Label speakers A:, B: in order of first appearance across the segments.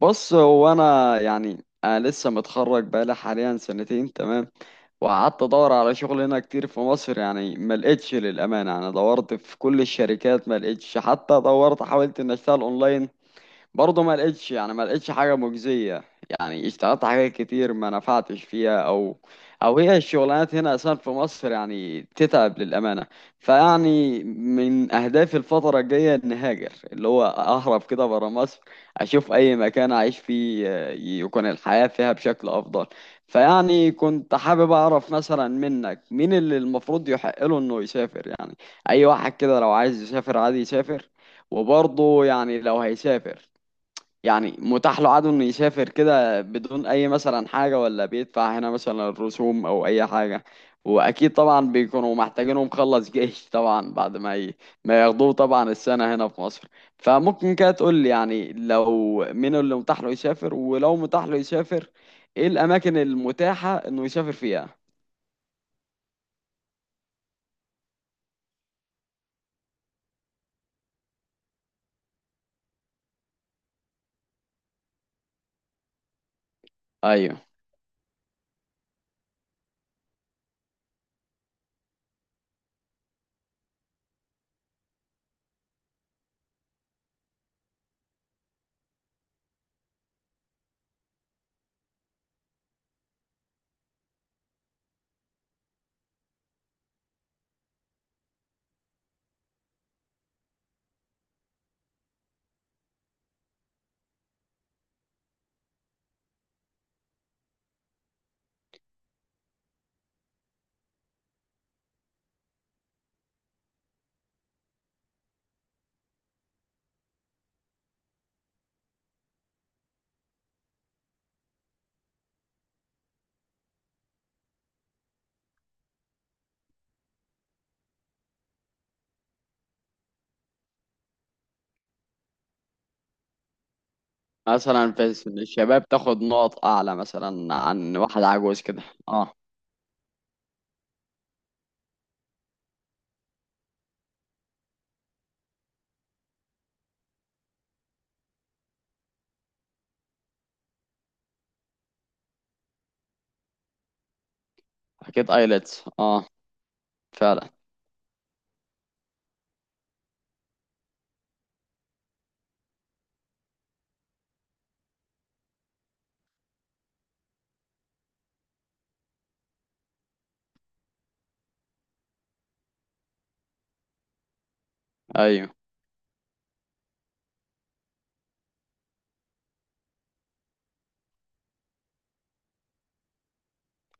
A: بص، هو انا لسه متخرج بقالي حاليا سنتين. تمام، وقعدت ادور على شغل هنا كتير في مصر، يعني ما لقيتش للامانه. انا دورت في كل الشركات ما لقيتش، حتى دورت حاولت ان اشتغل اونلاين برضه ما لقيتش حاجة مجزية. يعني اشتغلت حاجات كتير ما نفعتش فيها، او هي الشغلانات هنا اصلا في مصر يعني تتعب للأمانة. فيعني من اهدافي الفترة الجاية ان هاجر، اللي هو اهرب كده برا مصر، اشوف اي مكان اعيش فيه يكون الحياة فيها بشكل افضل. فيعني كنت حابب اعرف مثلا منك مين اللي المفروض يحق له انه يسافر. يعني اي واحد كده لو عايز يسافر عادي يسافر؟ وبرضه يعني لو هيسافر، يعني متاح له عدو انه يسافر كده بدون اي مثلا حاجة، ولا بيدفع هنا مثلا الرسوم او اي حاجة؟ واكيد طبعا بيكونوا محتاجينه مخلص جيش طبعا بعد ما ما ياخدوه طبعا السنة هنا في مصر. فممكن كده تقول لي يعني لو مين اللي متاح له يسافر، ولو متاح له يسافر، ايه الاماكن المتاحة انه يسافر فيها؟ ايوه، مثلا في سن الشباب تاخد نقط اعلى مثلا عن واحد عجوز كده. اه، اكيد ايلتس، اه فعلا. ايوه،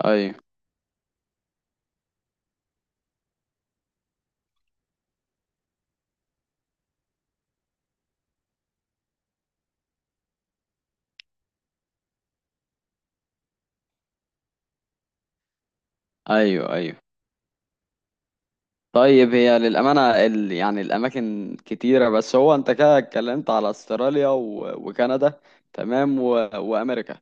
A: ايوه، ايوه، ايوه. طيب، هي للامانه يعني الاماكن كتيره، بس هو انت كده اتكلمت على استراليا و... وكندا، تمام، و... وامريكا.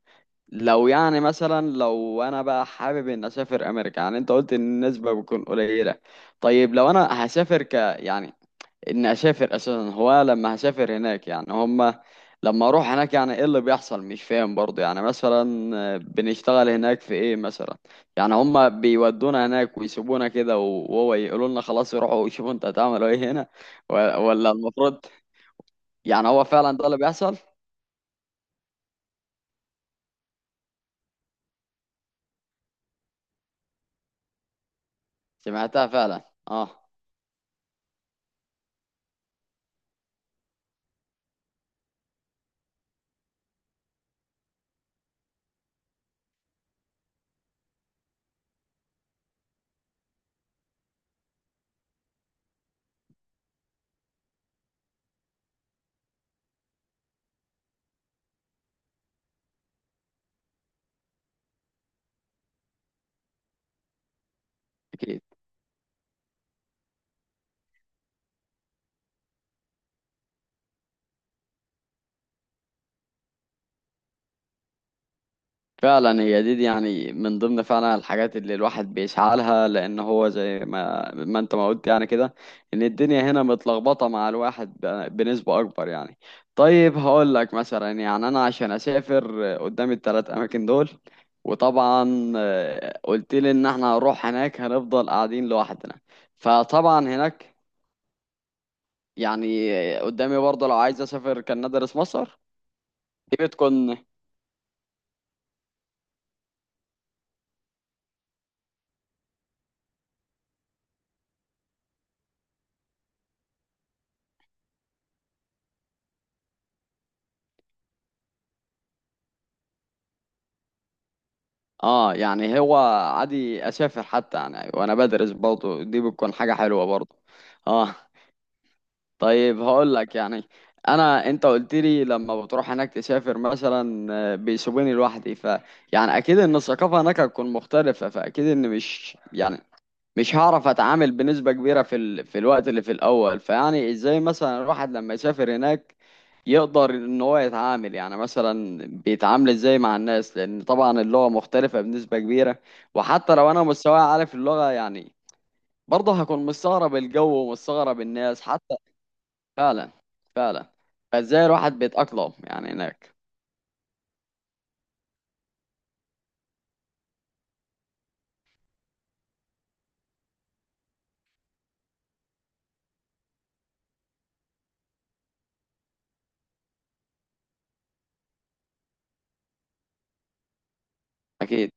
A: لو يعني مثلا لو انا بقى حابب ان اسافر امريكا، يعني انت قلت ان النسبه بتكون قليله. طيب لو انا هسافر، يعني اني اسافر اساسا، هو لما هسافر هناك يعني هما لما اروح هناك يعني ايه اللي بيحصل؟ مش فاهم برضه. يعني مثلا بنشتغل هناك في ايه مثلا؟ يعني هما بيودونا هناك ويسيبونا كده و- وهو يقولوا لنا خلاص روحوا شوفوا انتوا هتعملوا ايه هنا، و- ولا المفروض؟ يعني هو فعلا ده اللي بيحصل؟ سمعتها فعلا، اه. اكيد. فعلا، هي دي يعني من ضمن فعلا الحاجات اللي الواحد بيسعى لها، لان هو زي ما انت ما قلت يعني كده، ان الدنيا هنا متلخبطه مع الواحد بنسبه اكبر يعني. طيب هقول لك مثلا، يعني انا عشان اسافر قدام الثلاث اماكن دول، وطبعا قلت لي ان احنا هنروح هناك هنفضل قاعدين لوحدنا. فطبعا هناك، يعني قدامي برضه لو عايز اسافر كان ندرس مصر. دي بتكون، اه يعني هو عادي اسافر حتى يعني وانا بدرس برضه، دي بتكون حاجه حلوه برضه. اه. طيب هقول لك يعني، انا انت قلت لي لما بتروح هناك تسافر مثلا بيسيبوني لوحدي، ف يعني اكيد ان الثقافه هناك هتكون مختلفه، فاكيد ان مش هعرف اتعامل بنسبة كبيرة في في الوقت اللي في الاول. فيعني ازاي مثلا الواحد لما يسافر هناك يقدر ان هو يتعامل، يعني مثلا بيتعامل ازاي مع الناس؟ لان طبعا اللغة مختلفة بنسبة كبيرة. وحتى لو انا مستواي عارف اللغة يعني، برضه هكون مستغرب الجو ومستغرب الناس حتى. فعلا، فعلا. فازاي الواحد بيتأقلم يعني هناك؟ اكيد،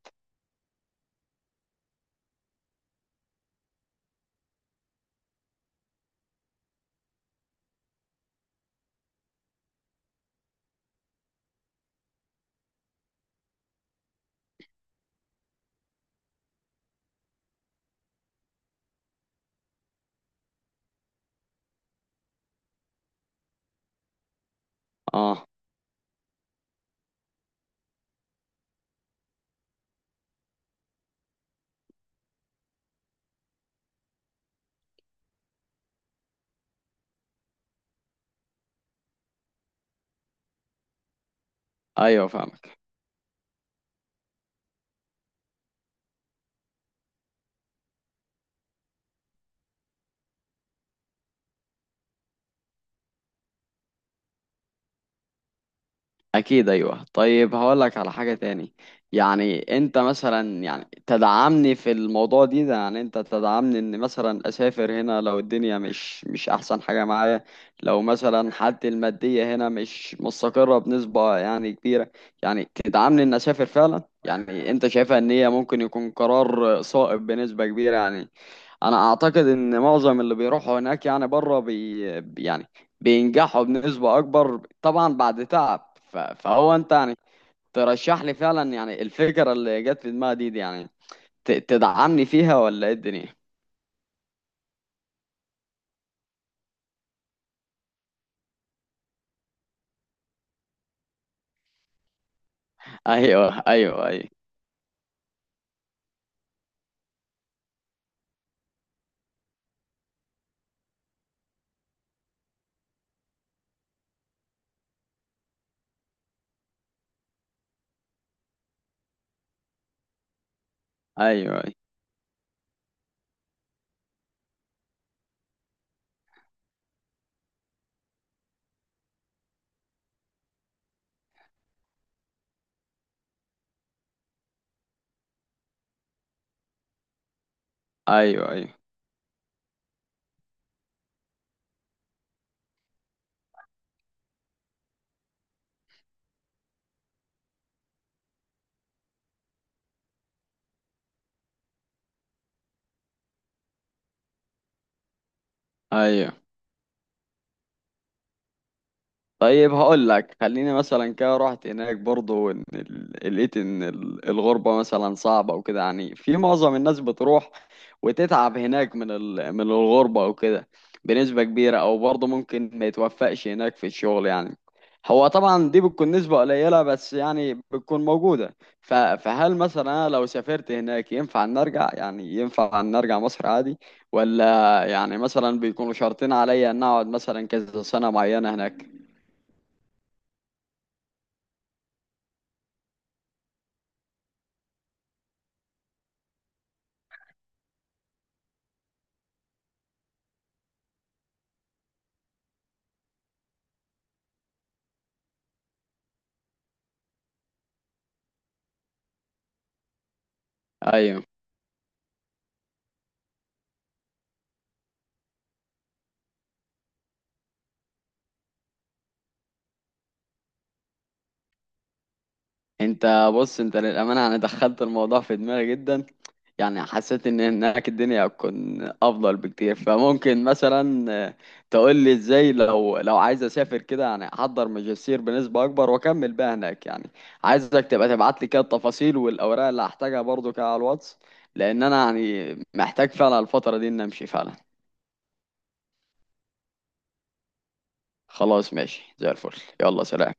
A: اه. ايوه فاهمك، اكيد، ايوه. طيب هقول لك على حاجه تاني. يعني انت مثلا، يعني تدعمني في الموضوع دي ده؟ يعني انت تدعمني ان مثلا اسافر، هنا لو الدنيا مش احسن حاجه معايا، لو مثلا حالتي الماديه هنا مش مستقره بنسبه يعني كبيره، يعني تدعمني ان اسافر فعلا؟ يعني انت شايفها ان هي ممكن يكون قرار صائب بنسبه كبيره يعني؟ انا اعتقد ان معظم اللي بيروحوا هناك يعني بره، يعني بينجحوا بنسبة اكبر طبعا بعد تعب. فهو انت يعني ترشح لي فعلا يعني الفكرة اللي جت في دماغي دي يعني، تدعمني فيها ولا ايه الدنيا؟ ايوه، ايوه، ايوه، ايوه، ايوه، ايوه، ايوه. طيب هقول لك، خليني مثلا كده رحت هناك برضه إن لقيت ان الغربة مثلا صعبة وكده، يعني في معظم الناس بتروح وتتعب هناك من من الغربة وكده بنسبة كبيرة، او برضه ممكن ما يتوفقش هناك في الشغل يعني. هو طبعا دي بتكون نسبة قليلة بس يعني بتكون موجودة. فهل مثلا انا لو سافرت هناك ينفع ان ارجع، يعني ينفع ان ارجع مصر عادي؟ ولا يعني مثلا بيكونوا شرطين عليا ان اقعد مثلا كذا سنة معينة هناك؟ ايوه. انت بص، انت للامانه يعني دخلت الموضوع في دماغي جدا، يعني حسيت ان هناك الدنيا هتكون افضل بكتير. فممكن مثلا تقول لي ازاي لو عايز اسافر كده، يعني احضر ماجستير بنسبه اكبر واكمل بقى هناك يعني. عايزك تبقى تبعت لي كده التفاصيل والاوراق اللي هحتاجها برضو كده على الواتس، لان انا يعني محتاج فعلا الفتره دي ان امشي فعلا. خلاص ماشي، زي الفل، يلا سلام.